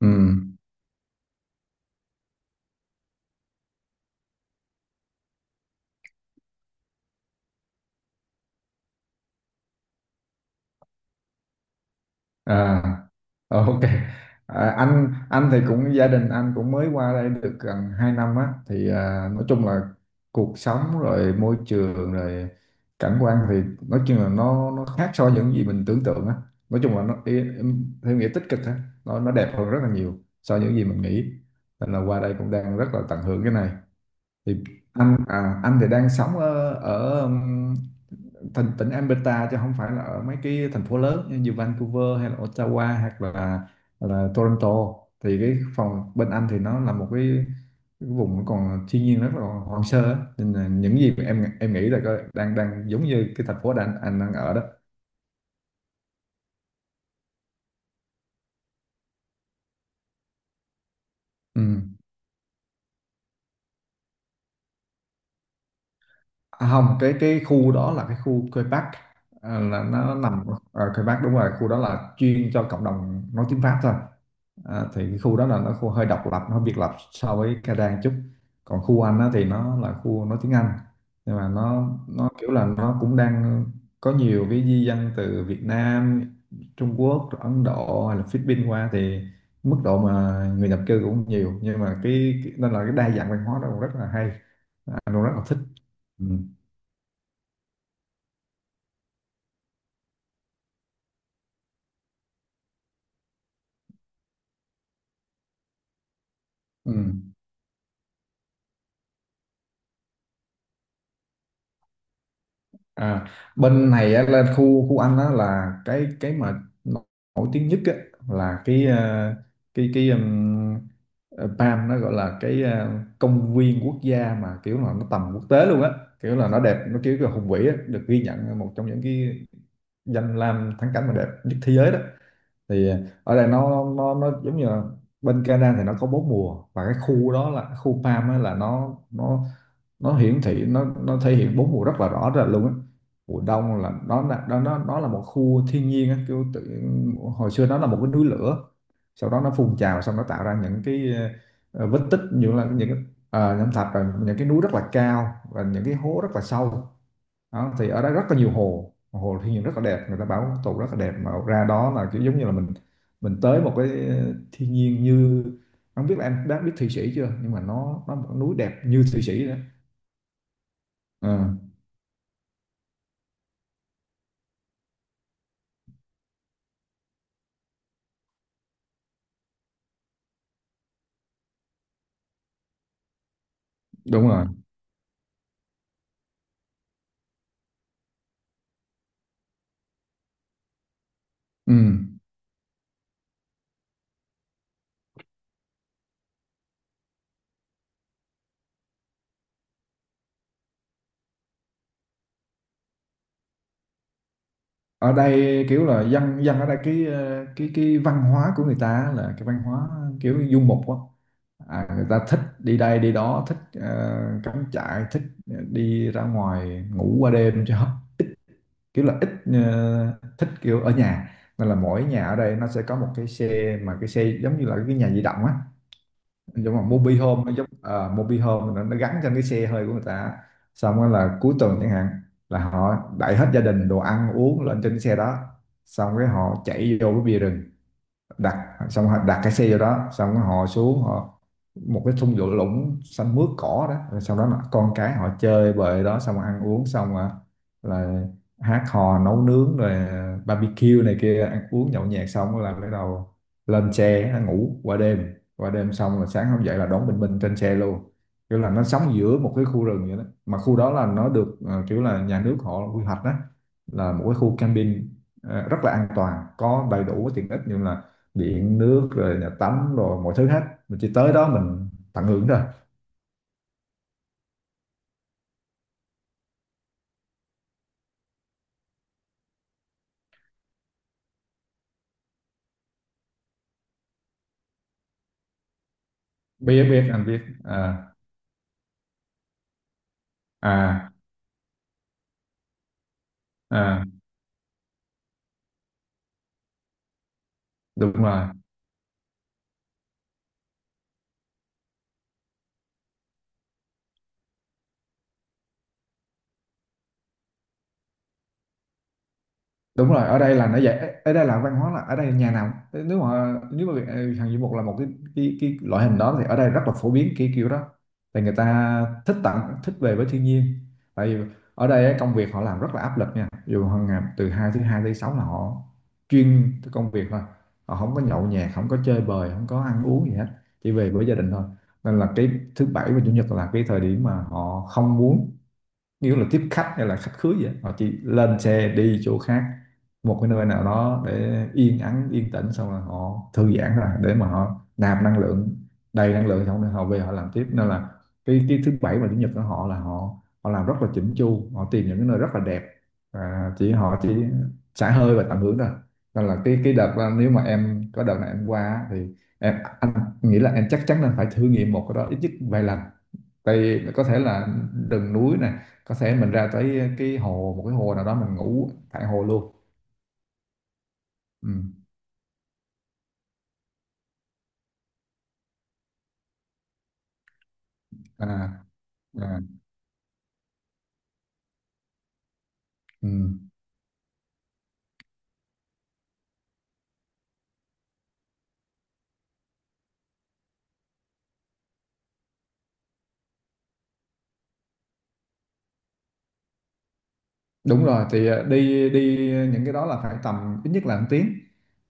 Ừ. À, ok. À, anh thì cũng gia đình anh cũng mới qua đây được gần 2 năm á thì nói chung là cuộc sống rồi môi trường rồi cảnh quan thì nói chung là nó khác so với những gì mình tưởng tượng á. Nói chung là theo nghĩa tích cực á, nó đẹp hơn rất là nhiều so với những gì mình nghĩ. Nên là qua đây cũng đang rất là tận hưởng cái này. Thì anh anh thì đang sống ở ở thành tỉnh Alberta chứ không phải là ở mấy cái thành phố lớn như Vancouver hay là Ottawa hoặc là Toronto, thì cái phòng bên anh thì nó là một cái vùng còn thiên nhiên rất là hoang sơ á. Nên là những gì mà em đang đang giống như cái thành phố đang anh đang ở đó. Ừ. À, không, cái khu đó là cái khu Quebec Park, là nó nằm ở Quebec Bắc, đúng rồi, khu đó là chuyên cho cộng đồng nói tiếng Pháp thôi. Thì cái khu đó là nó khu hơi độc lập, nó biệt lập so với Canada một chút. Còn khu Anh á, thì nó là khu nói tiếng Anh, nhưng mà nó kiểu là nó cũng đang có nhiều cái di dân từ Việt Nam, Trung Quốc rồi Ấn Độ hay là Philippines qua, thì mức độ mà người nhập cư cũng nhiều, nhưng mà nên là cái đa dạng văn hóa đó cũng rất là hay, anh cũng rất là thích. Ừ. Ừ. À, bên này á, lên khu khu anh á là cái mà nổi tiếng nhất á, là cái ờ, PAM, nó gọi là cái công viên quốc gia mà kiểu là nó tầm quốc tế luôn á, kiểu là nó đẹp, nó kiểu là hùng vĩ á, được ghi nhận một trong những cái danh lam thắng cảnh mà đẹp nhất thế giới đó. Thì ở đây nó nó giống như là bên Canada thì nó có bốn mùa, và cái khu đó là khu farm á, là nó nó hiển thị nó thể hiện bốn mùa rất là rõ rệt luôn á. Mùa đông là nó nó là một khu thiên nhiên á, hồi xưa nó là một cái núi lửa, sau đó nó phun trào xong nó tạo ra những cái ờ, vết tích như là những cái- ờ, nham thạch rồi những cái núi rất là cao và những cái hố rất là sâu. Đó, thì ở đó rất là nhiều hồ, hồ thiên nhiên rất là đẹp, người ta bảo tụ rất là đẹp, mà ra đó là kiểu giống như là mình tới một cái thiên nhiên như, không biết là em đã biết Thụy Sĩ chưa, nhưng mà nó một núi đẹp như Thụy Sĩ đó. Ờ, đúng rồi. Ừ. Ở đây kiểu là dân dân ở đây cái ờ, cái văn hóa của người ta là cái văn hóa kiểu du mục á. Người ta thích đi đây đi đó, thích cắm trại, thích đi ra ngoài ngủ qua đêm chứ kiểu là ít thích kiểu ở nhà. Nên là mỗi nhà ở đây nó sẽ có một cái xe, mà cái xe giống như là cái nhà di động á, giống là mobile home, nó giống mobile home, nó gắn trên cái xe hơi của người ta. Xong rồi là cuối tuần chẳng hạn là họ đẩy hết gia đình, đồ ăn uống lên trên cái xe đó, xong cái họ chạy vô cái bìa rừng, đặt xong họ đặt cái xe vô đó, xong họ xuống họ một cái thung lũng lũng xanh mướt cỏ đó, rồi sau đó là con cái họ chơi bời đó, xong ăn uống xong là, là hát hò nấu nướng rồi barbecue này kia, ăn uống nhậu nhẹt xong là bắt đầu lên xe ngủ qua đêm, xong là sáng hôm dậy là đón bình minh trên xe luôn, kiểu là nó sống giữa một cái khu rừng vậy đó. Mà khu đó là nó được kiểu là nhà nước họ quy hoạch đó, là một cái khu camping rất là an toàn, có đầy đủ cái tiện ích như là điện nước rồi nhà tắm rồi mọi thứ hết, mình chỉ tới đó mình tận hưởng thôi. Biết biết anh biết. À à à. Đúng rồi, đúng rồi. Ở đây là nó dạy, ở đây là văn hóa là ở đây nhà nào cũng- nếu mà hàng du mục là một cái cái loại hình đó, thì ở đây rất là phổ biến cái kiểu đó. Thì người ta thích tặng, thích về với thiên nhiên, tại vì ở đây á, công việc họ làm rất là áp lực nha, dù hàng ngày từ thứ hai tới sáu là họ chuyên cái công việc thôi, họ không có nhậu nhẹt, không có chơi bời, không có ăn uống gì hết, chỉ về với gia đình thôi. Nên là cái thứ bảy và chủ nhật là cái thời điểm mà họ không muốn kiểu là tiếp khách hay là khách khứa vậy, họ chỉ lên xe đi chỗ khác, một cái nơi nào đó để yên ắng yên tĩnh, xong rồi họ thư giãn ra để mà họ nạp năng lượng, đầy năng lượng xong rồi họ về họ làm tiếp. Nên là cái thứ bảy và chủ nhật của họ là họ họ làm rất là chỉnh chu, họ tìm những cái nơi rất là đẹp, và chỉ xả hơi và tận hưởng thôi. Nên là cái đợt đó, nếu mà em có đợt này em qua á, thì em anh nghĩ là em chắc chắn là phải thử nghiệm một cái đó ít nhất vài lần, tại vì có thể là rừng núi này, có thể mình ra tới cái hồ, một cái hồ nào đó mình ngủ tại hồ luôn. Ừ. À, à. Ừ. Đúng rồi, thì ờ, đi đi những cái đó là phải tầm ít nhất là một tiếng,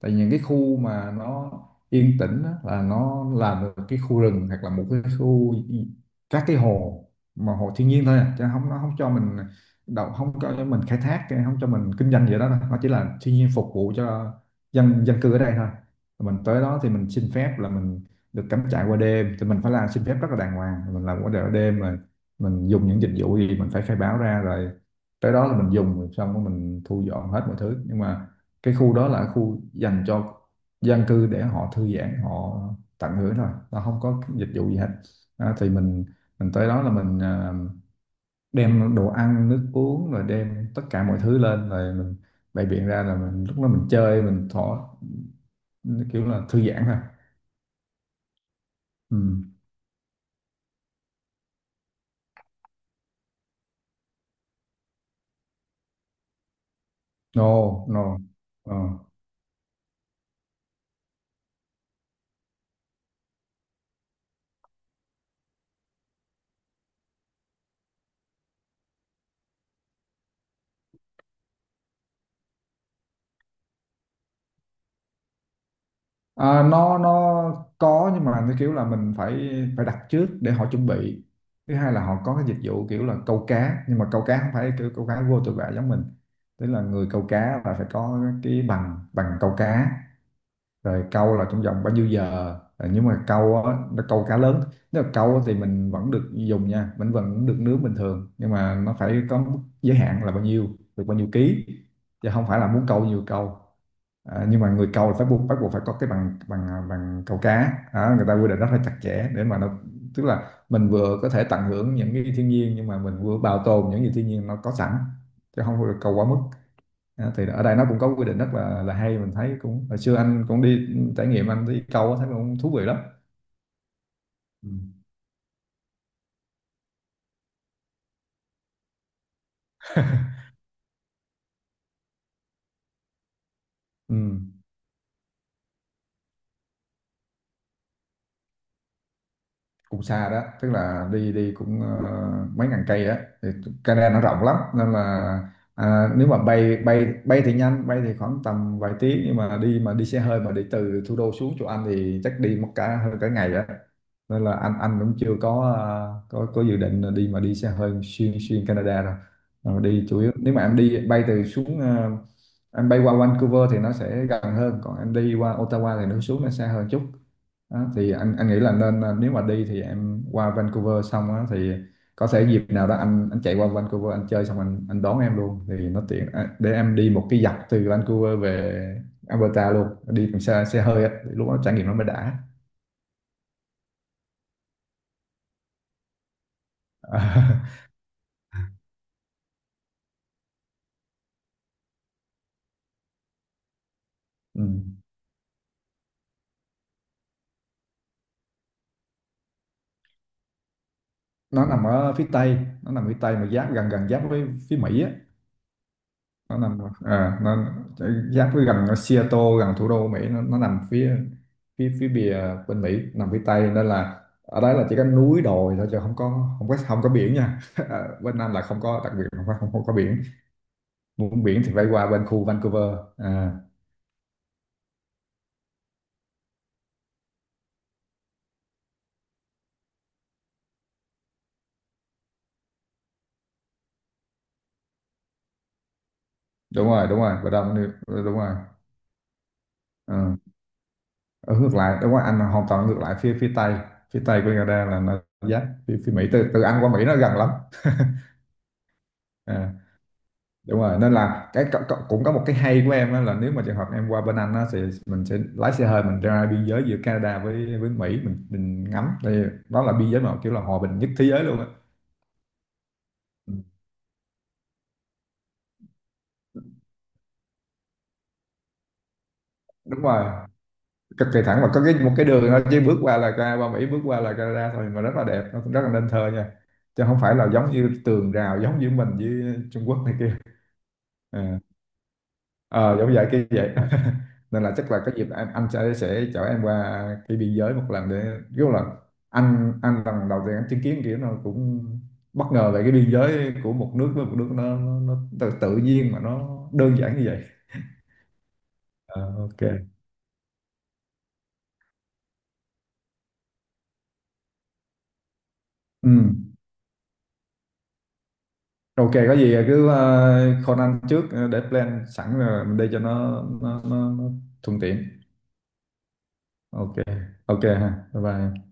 tại những cái khu mà nó yên tĩnh á, là nó là một cái khu rừng hoặc là một cái khu các cái hồ, mà hồ thiên nhiên thôi à. Chứ không, nó không cho mình đậu, không cho mình khai thác, không cho mình kinh doanh gì đó đâu, nó chỉ là thiên nhiên phục vụ cho dân dân cư ở đây thôi. Rồi mình tới đó thì mình xin phép là mình được cắm trại qua đêm, thì mình phải làm xin phép rất là đàng hoàng, mình làm qua đêm mà mình dùng những dịch vụ gì mình phải khai báo ra, rồi cái đó là mình dùng, rồi xong rồi mình thu dọn hết mọi thứ. Nhưng mà cái khu đó là khu dành cho dân cư để họ thư giãn, họ tận hưởng thôi, nó không có dịch vụ gì hết. Thì mình tới đó là mình đem đồ ăn nước uống rồi đem tất cả mọi thứ lên, rồi mình bày biện ra, là mình lúc đó mình chơi, mình thỏ kiểu là thư giãn thôi. Ừ. No, no. Ờ. À, nó có, nhưng mà nó kiểu là mình phải phải đặt trước để họ chuẩn bị. Thứ hai là họ có cái dịch vụ kiểu là câu cá, nhưng mà câu cá không phải kiểu câu cá vô tội vạ giống mình, tức là người câu cá là phải có cái bằng bằng câu cá, rồi câu là trong vòng bao nhiêu giờ. Rồi nhưng mà câu á, nó câu cá lớn, nếu mà câu á thì mình vẫn được dùng nha, mình vẫn được nướng bình thường, nhưng mà nó phải có mức giới hạn là bao nhiêu, được bao nhiêu ký, chứ không phải là muốn câu nhiều câu. À, nhưng mà người câu là phải buộc bắt buộc phải có cái bằng bằng à, bằng câu cá. Đó, người ta quy định rất là chặt chẽ để mà nó tức là mình vừa có thể tận hưởng những cái thiên nhiên, nhưng mà mình vừa bảo tồn những gì thiên nhiên nó có sẵn, chứ không được câu quá mức. Đó, thì ở đây nó cũng có quy định rất là hay, mình thấy cũng, hồi xưa anh cũng đi trải nghiệm anh đi câu á, thấy cũng thú vị lắm. Ừ. Ừ. Cũng xa đó, tức là đi đi cũng mấy ngàn cây đó, thì Canada nó rộng lắm, nên là à, nếu mà bay bay bay thì nhanh, bay thì khoảng tầm vài tiếng, nhưng mà đi xe hơi mà đi từ thủ đô xuống chỗ Anh thì chắc đi mất cả hơn cả ngày đó. Nên là anh cũng chưa có có dự định là đi xe hơi xuyên xuyên Canada rồi. Ờ, đi chủ yếu nếu mà em đi bay từ xuống em bay qua Vancouver thì nó sẽ gần hơn, còn em đi qua Ottawa thì nó xa hơn chút. Đó, thì anh nghĩ là nên nếu mà đi thì em qua Vancouver xong á, thì có thể dịp nào đó anh chạy qua Vancouver, anh chơi xong anh đón em luôn thì nó tiện, để em đi một cái dọc từ Vancouver về Alberta luôn, đi bằng xe xe hơi á, thì lúc đó trải nghiệm nó mới đã. Ừ. Nó nằm ở phía tây, nó nằm phía tây mà giáp gần gần giáp với phía Mỹ á, nó nằm à, nó giáp với gần ở Seattle, gần thủ đô Mỹ, nó nằm phía phía phía bìa bên Mỹ, nằm phía Tây. Nên là ở đấy là chỉ có núi đồi thôi, chứ không có không có biển nha. À, bên Nam là không có, đặc biệt là không có biển. Muốn biển thì phải qua bên khu Vancouver. À, đúng rồi, đúng rồi, bên đông đúng rồi. À, ở ngược lại, đúng rồi, Anh là hoàn toàn ngược lại, phía phía Tây. Phía Tây của Canada là nó giáp phía Mỹ, từ từ Anh qua Mỹ nó gần lắm. À, đúng rồi, nên là cũng có một cái hay của em á, là nếu mà trường hợp em qua bên Anh á, thì mình sẽ lái xe hơi mình ra biên giới giữa Canada với Mỹ, mình ngắm, thì đó là biên giới mà kiểu là hòa bình nhất thế giới luôn á. Ừ. Đúng rồi, cực kỳ thẳng, và có một cái đường thôi, chứ bước qua là ra qua Mỹ, bước qua là Canada thôi, mà rất là đẹp, nó rất là nên thơ nha, chứ không phải là giống như tường rào giống như mình với Trung Quốc này kia. Ờ. Ờ giống vậy, cái vậy nên là chắc là cái dịp anh sẽ chở em qua cái biên giới một lần để kiểu là anh lần đầu tiên anh chứng kiến kiểu nó cũng bất ngờ về cái biên giới của một nước với một nước, nó tự nhiên mà nó đơn giản như vậy. Ờ, ok. Ừ. Ok, có gì cứ call anh trước để plan sẵn rồi mình đi cho nó thuận tiện. Ok. Ok ha, bye bye.